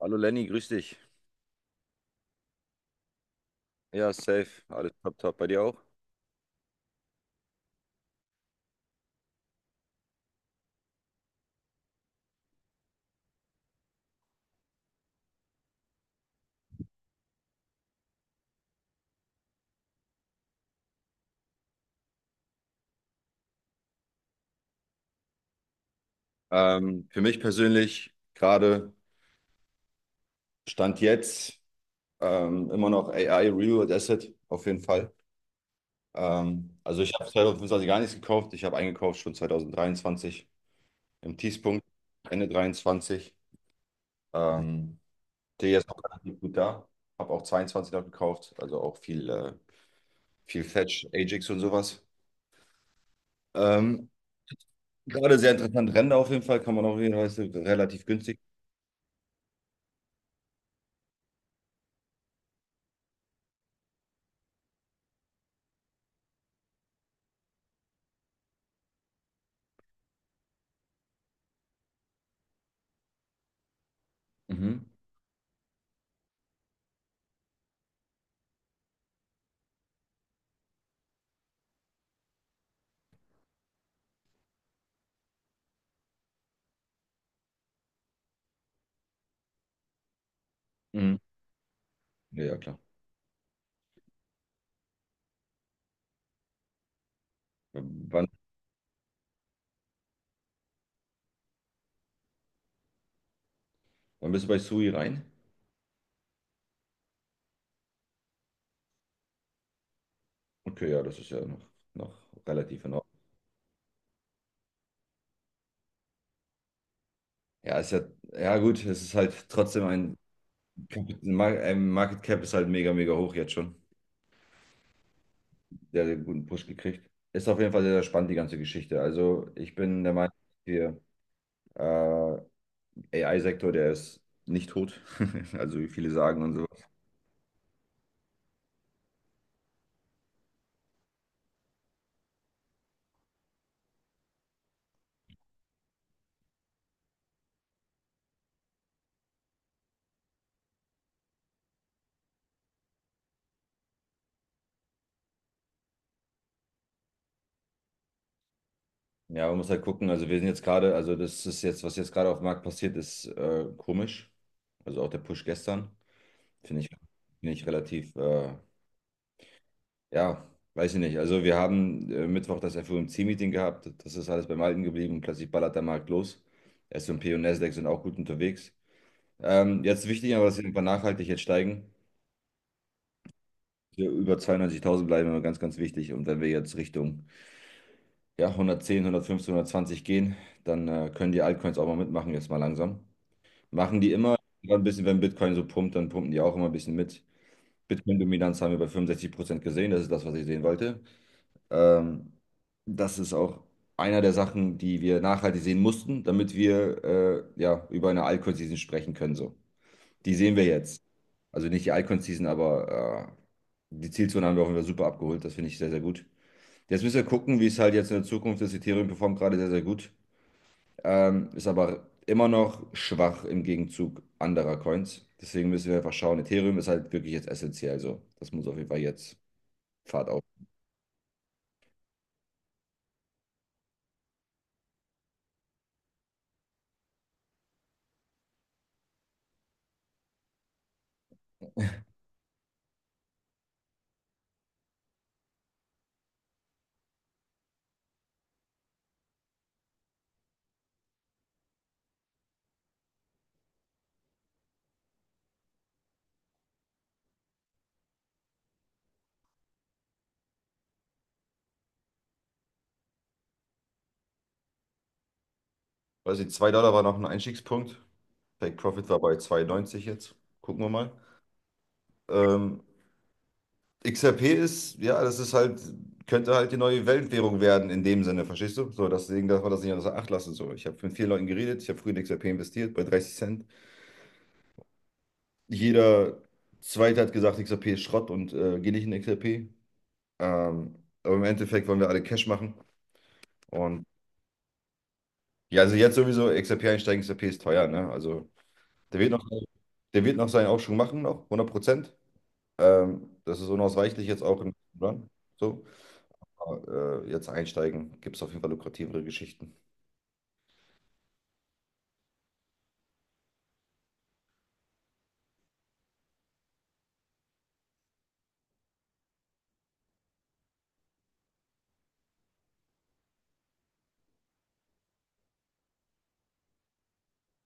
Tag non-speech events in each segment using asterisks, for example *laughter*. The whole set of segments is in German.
Hallo Lenny, grüß dich. Ja, safe. Alles top, top. Bei dir auch? Für mich persönlich gerade Stand jetzt immer noch AI Real Asset auf jeden Fall. Also ich habe 2025 gar nichts gekauft. Ich habe eingekauft schon 2023 im Tiefpunkt, Ende 23. Ähm, Stehe jetzt noch relativ gut da. Habe auch 22 noch gekauft, also auch viel, viel Fetch, Ajax und sowas. Ähm, Gerade sehr interessant. Ränder auf jeden Fall kann man auch jeden Fall relativ günstig. Mhm. Mhm. Ja, ja, klar. Wann, wann bist du bei Sui rein? Okay, ja, das ist ja noch relativ in Ordnung. Ja, ist ja, ja gut, es ist halt trotzdem ein, ein Market Cap ist halt mega, mega hoch jetzt schon. Der hat einen guten Push gekriegt. Ist auf jeden Fall sehr, sehr spannend, die ganze Geschichte. Also ich bin der Meinung, hier, äh, AI-Sektor, der ist nicht tot. *laughs* Also wie viele sagen und so. Ja, man muss halt gucken. Also wir sind jetzt gerade, also das ist jetzt, was jetzt gerade auf dem Markt passiert, ist komisch. Also auch der Push gestern. Finde ich, finde ich relativ, ja, weiß ich nicht. Also wir haben Mittwoch das FOMC-Meeting gehabt. Das ist alles beim Alten geblieben. Klassisch ballert der Markt los. S&P und P und Nasdaq sind auch gut unterwegs. Jetzt wichtig, aber dass sie einfach nachhaltig jetzt steigen. Wir über 92.000 bleiben immer ganz, ganz wichtig. Und wenn wir jetzt Richtung ja, 110 115, 120 gehen, dann können die Altcoins auch mal mitmachen, jetzt mal langsam. Machen die immer ein bisschen, wenn Bitcoin so pumpt, dann pumpen die auch immer ein bisschen mit. Bitcoin-Dominanz haben wir bei 65% gesehen. Das ist das, was ich sehen wollte. Ähm, Das ist auch einer der Sachen, die wir nachhaltig sehen mussten, damit wir ja, über eine Alcon-Season sprechen können. So. Die sehen wir jetzt. Also nicht die Alcon-Season, aber die Zielzone haben wir auch wieder super abgeholt. Das finde ich sehr, sehr gut. Jetzt müssen wir gucken, wie es halt jetzt in der Zukunft ist. Ethereum performt gerade sehr, sehr gut. Ist aber immer noch schwach im Gegenzug anderer Coins. Deswegen müssen wir einfach schauen. Ethereum ist halt wirklich jetzt essentiell. So. Das muss auf jeden Fall jetzt Fahrt auf. Weiß nicht, 2 Dollar war noch ein Einstiegspunkt. Take Profit war bei 2,90 jetzt. Gucken wir mal. Ähm, XRP ist, ja, das ist halt, könnte halt die neue Weltwährung werden in dem Sinne, verstehst du? So, deswegen darf man das nicht außer Acht lassen. So, ich habe mit vielen Leuten geredet, ich habe früher in XRP investiert, bei 30 Cent. Jeder Zweite hat gesagt, XRP ist Schrott und geh nicht in XRP. Ähm, aber im Endeffekt wollen wir alle Cash machen. Und ja, also jetzt sowieso XRP einsteigen, XRP ist teuer, ne? Also, der wird noch, der wird noch seinen Aufschwung machen, noch 100%. Das ist unausweichlich jetzt auch im Run. So. Aber, jetzt einsteigen, gibt es auf jeden Fall lukrativere Geschichten.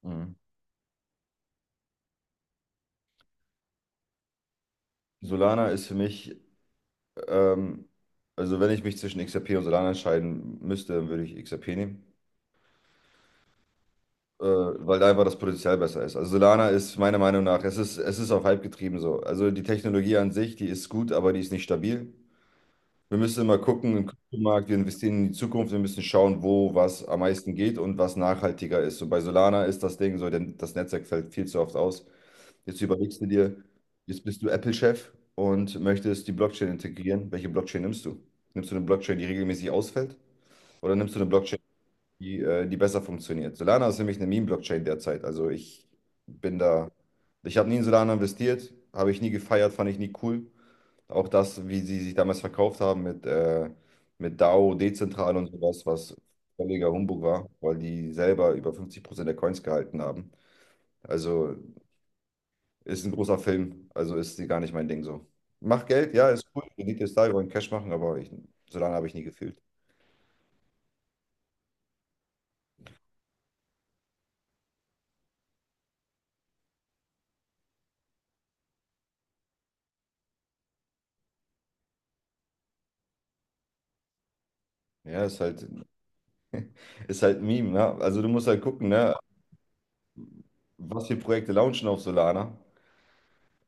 Mhm. Solana ist für mich, ähm, also wenn ich mich zwischen XRP und Solana entscheiden müsste, dann würde ich XRP nehmen. Weil da einfach das Potenzial besser ist. Also Solana ist meiner Meinung nach, es ist auf Hype getrieben so. Also die Technologie an sich, die ist gut, aber die ist nicht stabil. Wir müssen immer gucken im Kryptomarkt, wir investieren in die Zukunft, wir müssen schauen, wo was am meisten geht und was nachhaltiger ist. Und bei Solana ist das Ding so, denn das Netzwerk fällt viel zu oft aus. Jetzt überlegst du dir, jetzt bist du Apple-Chef und möchtest die Blockchain integrieren. Welche Blockchain nimmst du? Nimmst du eine Blockchain, die regelmäßig ausfällt? Oder nimmst du eine Blockchain, die besser funktioniert? Solana ist nämlich eine Meme-Blockchain derzeit. Also ich bin da, ich habe nie in Solana investiert, habe ich nie gefeiert, fand ich nie cool. Auch das, wie sie sich damals verkauft haben mit DAO, dezentral und sowas, was völliger Humbug war, weil die selber über 50% der Coins gehalten haben. Also ist ein großer Film, also ist sie gar nicht mein Ding so. Mach Geld, ja, ist cool, Rendite ist da, wir wollen Cash machen, aber ich, so lange habe ich nie gefühlt. Ja, ist halt, ein Meme, ne? Also du musst halt gucken, ne? Was für Projekte launchen auf Solana.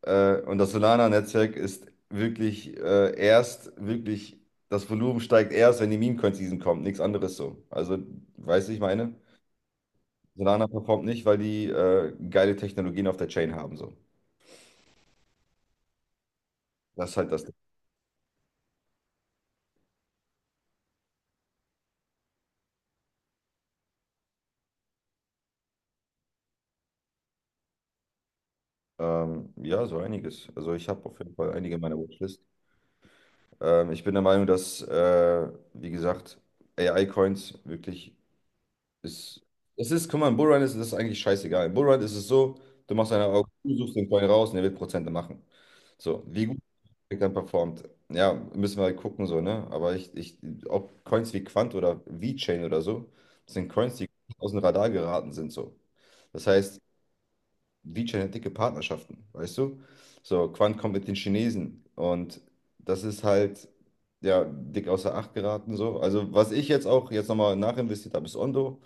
Und das Solana-Netzwerk ist wirklich erst, wirklich, das Volumen steigt erst, wenn die Meme-Coin-Season kommt. Nichts anderes so. Also, weißt du, ich meine, Solana performt nicht, weil die geile Technologien auf der Chain haben. So. Das ist halt das Ding. Ja, so einiges. Also, ich habe auf jeden Fall einige in meiner Watchlist. Ich bin der Meinung, dass, wie gesagt, AI-Coins wirklich Es, es ist, guck mal, im Bullrun ist es eigentlich scheißegal. Im Bullrun ist es so, du machst eine Augen, du suchst den Coin raus und er wird Prozente machen. So, wie gut er dann performt. Ja, müssen wir halt gucken, so, ne? Aber ich, ob Coins wie Quant oder VeChain oder so, das sind Coins, die aus dem Radar geraten sind, so. Das heißt, VeChain hat dicke Partnerschaften, weißt du? So, Quant kommt mit den Chinesen und das ist halt, ja, dick außer Acht geraten, so. Also, was ich jetzt auch jetzt nochmal nachinvestiert habe, ist Ondo.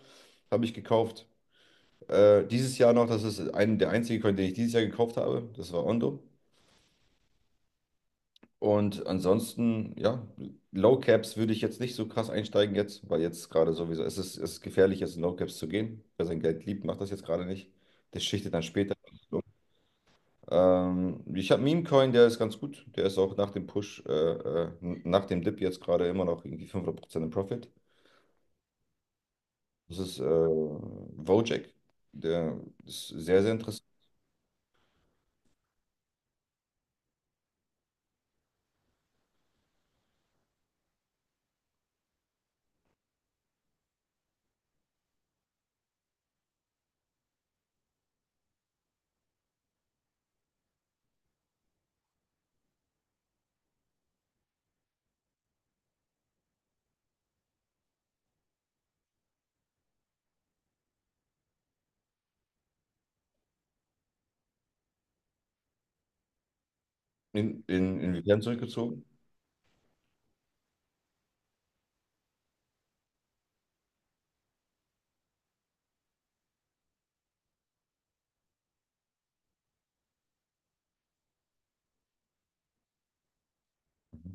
Habe ich gekauft. Dieses Jahr noch, das ist ein, der einzige Coin, den ich dieses Jahr gekauft habe. Das war Ondo. Und ansonsten, ja, Low Caps würde ich jetzt nicht so krass einsteigen jetzt, weil jetzt gerade sowieso, es ist gefährlich, jetzt in Low Caps zu gehen. Wer sein Geld liebt, macht das jetzt gerade nicht. Das schichtet dann später. Ich habe Meme Coin, der ist ganz gut. Der ist auch nach dem Push, nach dem Dip jetzt gerade immer noch irgendwie 500% im Profit. Das ist Wojak. Der ist sehr, sehr interessant. Inwiefern zurückgezogen?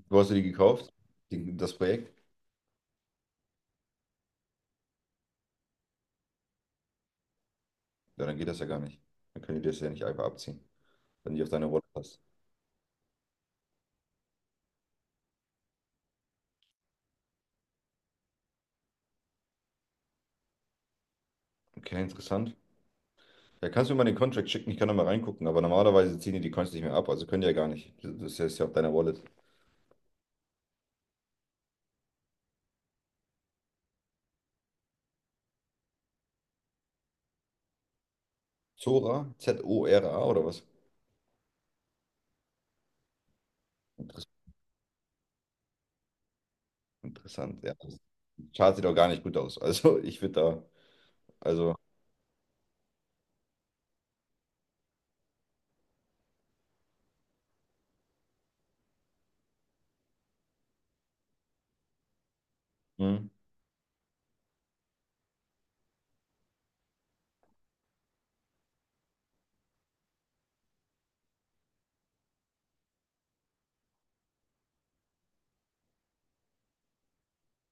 Du hast dir die gekauft, die, das Projekt? Ja, dann geht das ja gar nicht. Dann können die das ja nicht einfach abziehen, wenn die auf deine Rolle passt. Okay, interessant. Ja, kannst du mir mal den Contract schicken? Ich kann da mal reingucken, aber normalerweise ziehen die die Coins nicht mehr ab, also können die ja gar nicht. Das ist ja auf deiner Wallet. Zora? Zora oder was? Interes- Interessant. Ja, das Chart sieht auch gar nicht gut aus. Also, *laughs* ich würde da. Also, hm.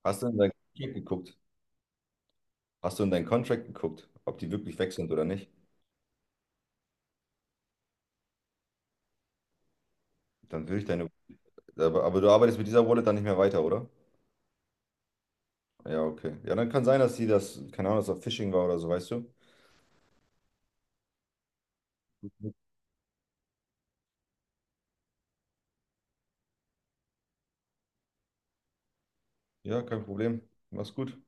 Hast du in dein Contract geguckt? Hast du in deinen Contract geguckt, ob die wirklich weg sind oder nicht? Dann würde ich deine Aber, du arbeitest mit dieser Wallet dann nicht mehr weiter, oder? Ja, okay. Ja, dann kann sein, dass sie das, keine Ahnung, dass das Phishing war oder so, weißt du? Ja, kein Problem. Mach's gut.